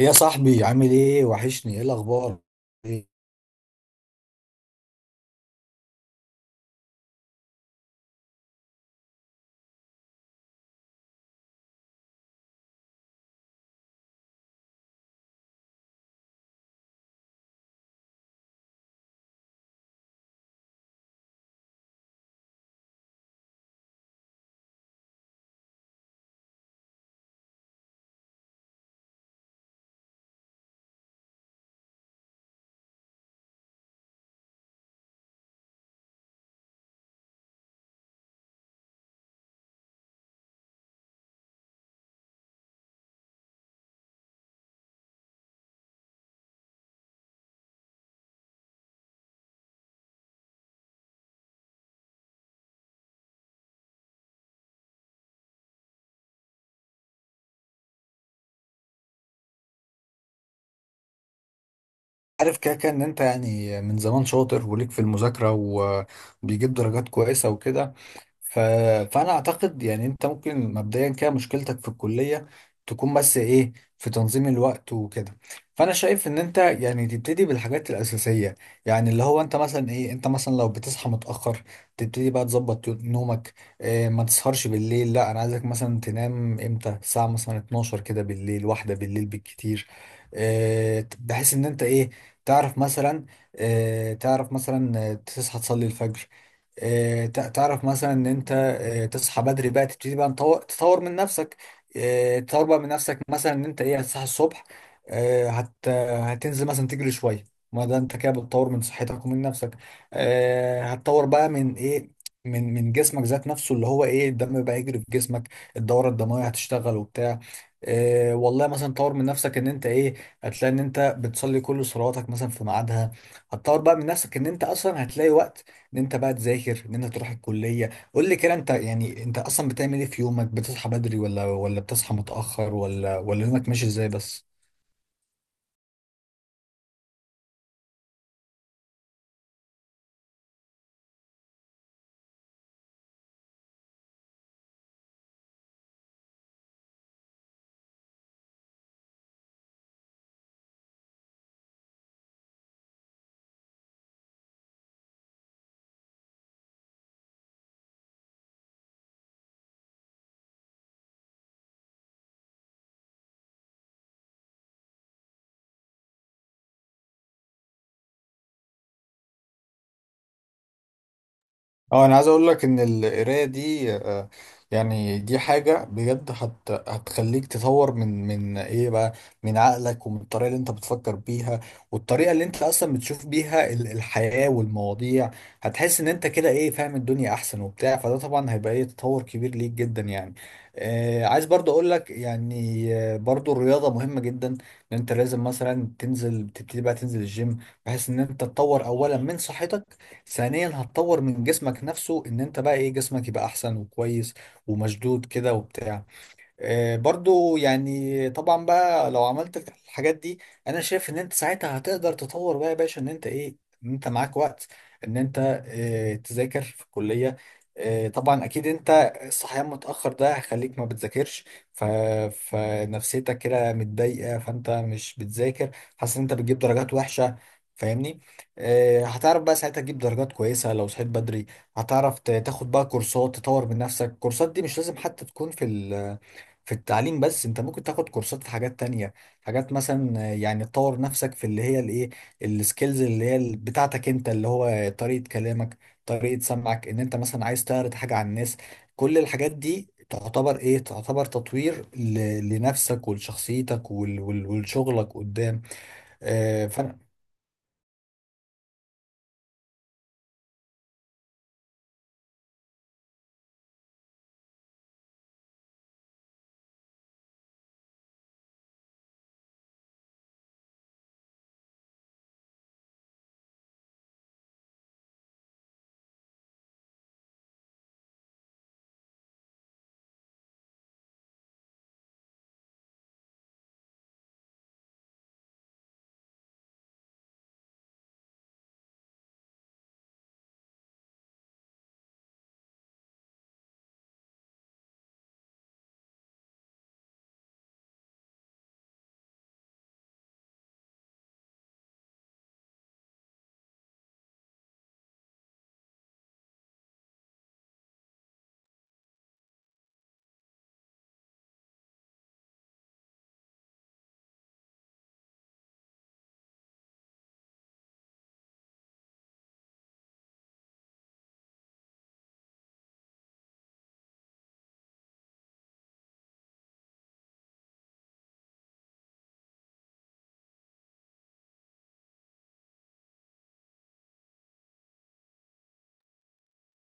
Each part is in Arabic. يا صاحبي عامل ايه؟ وحشني. ايه الاخبار؟ إيه؟ عارف كده كده ان انت يعني من زمان شاطر وليك في المذاكرة وبيجيب درجات كويسة وكده. ف... فانا اعتقد يعني انت ممكن مبدئيا كده مشكلتك في الكليه تكون بس ايه، في تنظيم الوقت وكده. فانا شايف ان انت يعني تبتدي بالحاجات الاساسيه، يعني اللي هو انت مثلا ايه، انت مثلا لو بتصحى متاخر تبتدي بقى تظبط نومك. إيه، ما تسهرش بالليل، لا انا عايزك مثلا تنام امتى؟ الساعه مثلا 12 كده بالليل، واحده بالليل بالكتير. إيه، بحيث ان انت ايه، تعرف مثلا، إيه تعرف مثلا، تصحى تصلي الفجر. تعرف مثلا ان انت، تصحى بدري بقى، تبتدي بقى تطور من نفسك. تطور بقى من نفسك مثلا، ان انت ايه هتصحى الصبح. آه، هت هتنزل مثلا تجري شويه. ما ده انت كده بتطور من صحتك ومن نفسك. هتطور بقى من ايه؟ من جسمك ذات نفسه، اللي هو ايه، الدم بقى يجري في جسمك، الدوره الدمويه هتشتغل وبتاع. والله مثلا طور من نفسك، ان انت ايه، هتلاقي ان انت بتصلي كل صلواتك مثلا في ميعادها. هتطور بقى من نفسك ان انت اصلا هتلاقي وقت ان انت بقى تذاكر، ان انت تروح الكليه. قول لي كده انت يعني، انت اصلا بتعمل ايه في يومك؟ بتصحى بدري ولا بتصحى متاخر ولا؟ يومك ماشي ازاي بس؟ اه، انا عايز اقول لك ان القرايه دي، يعني دي حاجه بجد هتخليك تطور من ايه بقى، من عقلك ومن الطريقه اللي انت بتفكر بيها، والطريقه اللي انت اصلا بتشوف بيها الحياه والمواضيع. هتحس ان انت كده ايه، فاهم الدنيا احسن وبتاع، فده طبعا هيبقى ايه، تطور كبير ليك جدا يعني. آه، عايز برضو اقول لك يعني، برضو الرياضه مهمه جدا، ان انت لازم مثلا تنزل، تبتدي بقى تنزل الجيم، بحيث ان انت تطور اولا من صحتك، ثانيا هتطور من جسمك نفسه، ان انت بقى ايه، جسمك يبقى احسن وكويس ومشدود كده وبتاع. برضو يعني طبعا بقى لو عملت الحاجات دي، انا شايف ان انت ساعتها هتقدر تطور بقى يا باشا، ان انت ايه، ان انت معاك وقت ان انت، تذاكر في الكلية. طبعا اكيد انت الصحيان متأخر ده هيخليك ما بتذاكرش. ف... فنفسيتك كده متضايقة، فانت مش بتذاكر، حاسس ان انت بتجيب درجات وحشة، فاهمني؟ هتعرف بقى ساعتها تجيب درجات كويسة لو صحيت بدري. هتعرف تاخد بقى كورسات تطور من نفسك. الكورسات دي مش لازم حتى تكون في ال في التعليم بس، انت ممكن تاخد كورسات في حاجات تانية، حاجات مثلا، يعني تطور نفسك في اللي هي الايه، السكيلز اللي هي بتاعتك انت، اللي هو طريقة كلامك، طريقة سمعك، ان انت مثلا عايز تعرض حاجة على الناس. كل الحاجات دي تعتبر ايه، تعتبر تطوير لنفسك ولشخصيتك ولشغلك قدام.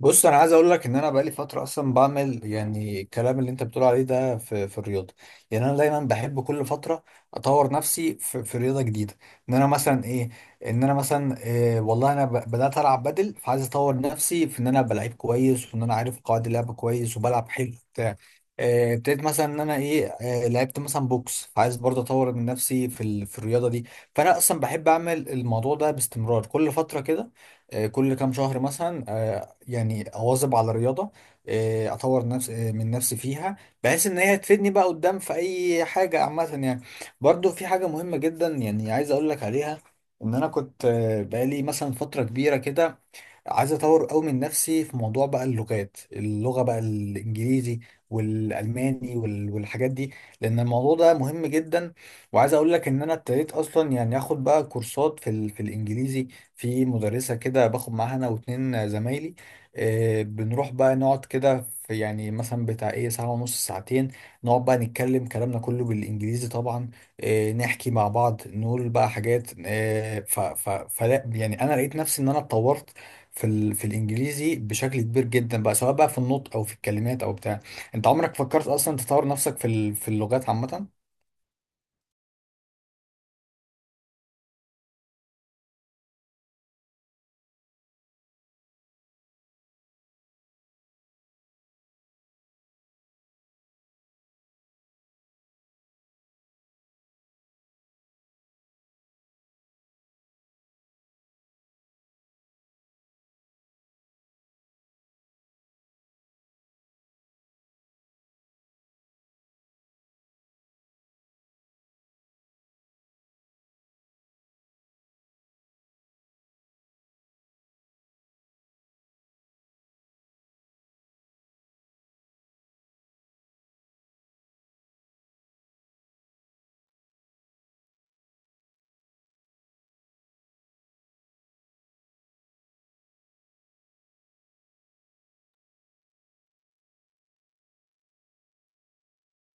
بص، انا عايز اقول لك ان انا بقالي فتره اصلا بعمل يعني الكلام اللي انت بتقول عليه ده في في الرياضه. يعني انا دايما بحب كل فتره اطور نفسي في, في رياضه جديده. ان انا مثلا ايه، ان انا مثلا إيه والله، انا بدات العب بدل، فعايز اطور نفسي في ان انا بلعب كويس، وان انا عارف قواعد اللعب كويس وبلعب حلو بتاع. إيه، ابتديت مثلا ان انا ايه، إيه، لعبت مثلا بوكس، فعايز برضه اطور من نفسي في في الرياضه دي. فانا اصلا بحب اعمل الموضوع ده باستمرار كل فتره كده. كل كام شهر مثلا، يعني اواظب على الرياضه. آه، اطور نفس آه، من نفسي فيها، بحيث ان هي تفيدني بقى قدام في اي حاجه عامه يعني. برضو في حاجه مهمه جدا يعني عايز اقول لك عليها. ان انا كنت، بقالي مثلا فتره كبيره كده عايز اطور قوي من نفسي في موضوع بقى اللغات، اللغه بقى الانجليزي والالماني والحاجات دي، لان الموضوع ده مهم جدا. وعايز اقول لك ان انا ابتديت اصلا يعني اخد بقى كورسات في في الانجليزي، في مدرسه كده باخد معاها انا واتنين زمايلي. آه، بنروح بقى نقعد كده في يعني مثلا بتاع ايه، ساعه ونص، ساعتين، نقعد بقى نتكلم كلامنا كله بالانجليزي طبعا. آه، نحكي مع بعض، نقول بقى حاجات آه، فلا يعني انا لقيت نفسي ان انا اتطورت في في الانجليزي بشكل كبير جدا بقى، سواء بقى في النطق او في الكلمات او بتاع. انت عمرك فكرت اصلا تطور نفسك في في اللغات عامة؟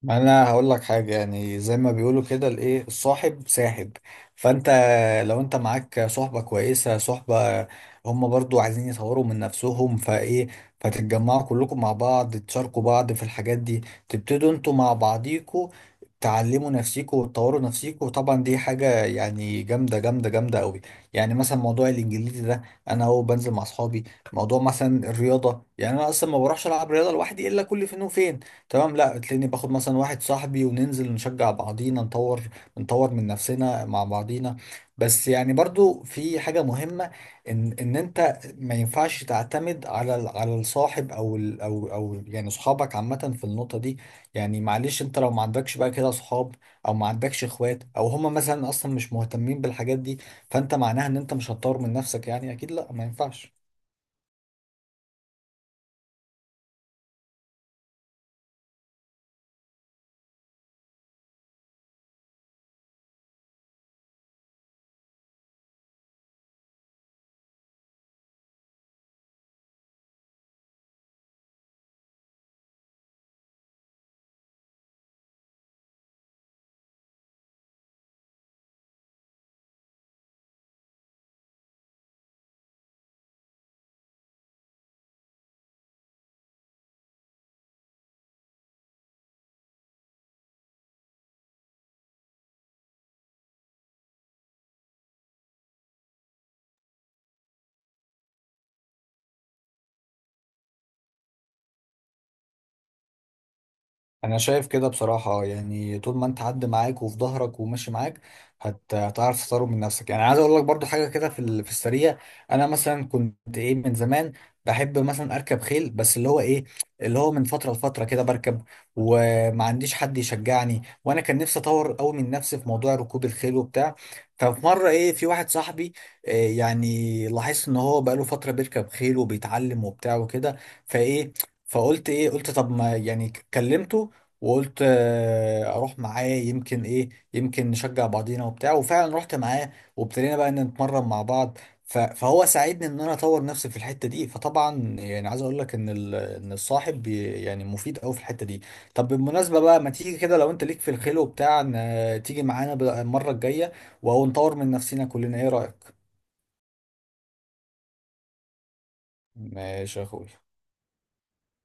ما انا هقول لك حاجه، يعني زي ما بيقولوا كده الايه، الصاحب ساحب. فانت لو انت معاك صحبه كويسه، صحبه هم برضو عايزين يطوروا من نفسهم فايه، فتتجمعوا كلكم مع بعض، تشاركوا بعض في الحاجات دي، تبتدوا انتوا مع بعضيكوا تعلموا نفسيكوا وتطوروا نفسيكوا، وطبعا دي حاجه يعني جامده جامده جامده قوي. يعني مثلا موضوع الانجليزي ده، انا اهو بنزل مع اصحابي. موضوع مثلا الرياضه، يعني انا اصلا ما بروحش العب رياضه لوحدي الا كل فين وفين، تمام؟ لا تلاقيني باخد مثلا واحد صاحبي وننزل نشجع بعضينا، نطور نطور من نفسنا مع بعضينا. بس يعني برضو في حاجة مهمة، ان انت ما ينفعش تعتمد على على الصاحب او ال او يعني صحابك عامة في النقطة دي. يعني معلش، انت لو ما عندكش بقى كده صحاب، او ما عندكش اخوات، او هما مثلا اصلا مش مهتمين بالحاجات دي، فانت معناها ان انت مش هتطور من نفسك؟ يعني اكيد لا، ما ينفعش. انا شايف كده بصراحة، يعني طول ما انت عد معاك وفي ظهرك وماشي معاك، هتعرف تطور من نفسك. يعني عايز اقول لك برضو حاجة كده في في السريع. انا مثلا كنت ايه من زمان بحب مثلا اركب خيل، بس اللي هو ايه، اللي هو من فترة لفترة كده بركب، وما عنديش حد يشجعني، وانا كان نفسي اطور قوي من نفسي في موضوع ركوب الخيل وبتاع. ففي مرة ايه، في واحد صاحبي، إيه يعني لاحظت ان هو بقاله فترة بيركب خيل وبيتعلم وبتاع وكده، فايه، فقلت ايه، قلت طب ما يعني كلمته، وقلت اروح معاه، يمكن ايه، يمكن نشجع بعضينا وبتاع. وفعلا رحت معاه، وابتدينا بقى ان نتمرن مع بعض. فهو ساعدني ان انا اطور نفسي في الحته دي. فطبعا يعني عايز اقول لك ان ان الصاحب يعني مفيد قوي في الحته دي. طب بالمناسبه بقى، ما تيجي كده لو انت ليك في الخيل وبتاع، تيجي معانا بقى المره الجايه، ونطور من نفسنا كلنا، ايه رايك؟ ماشي يا اخوي.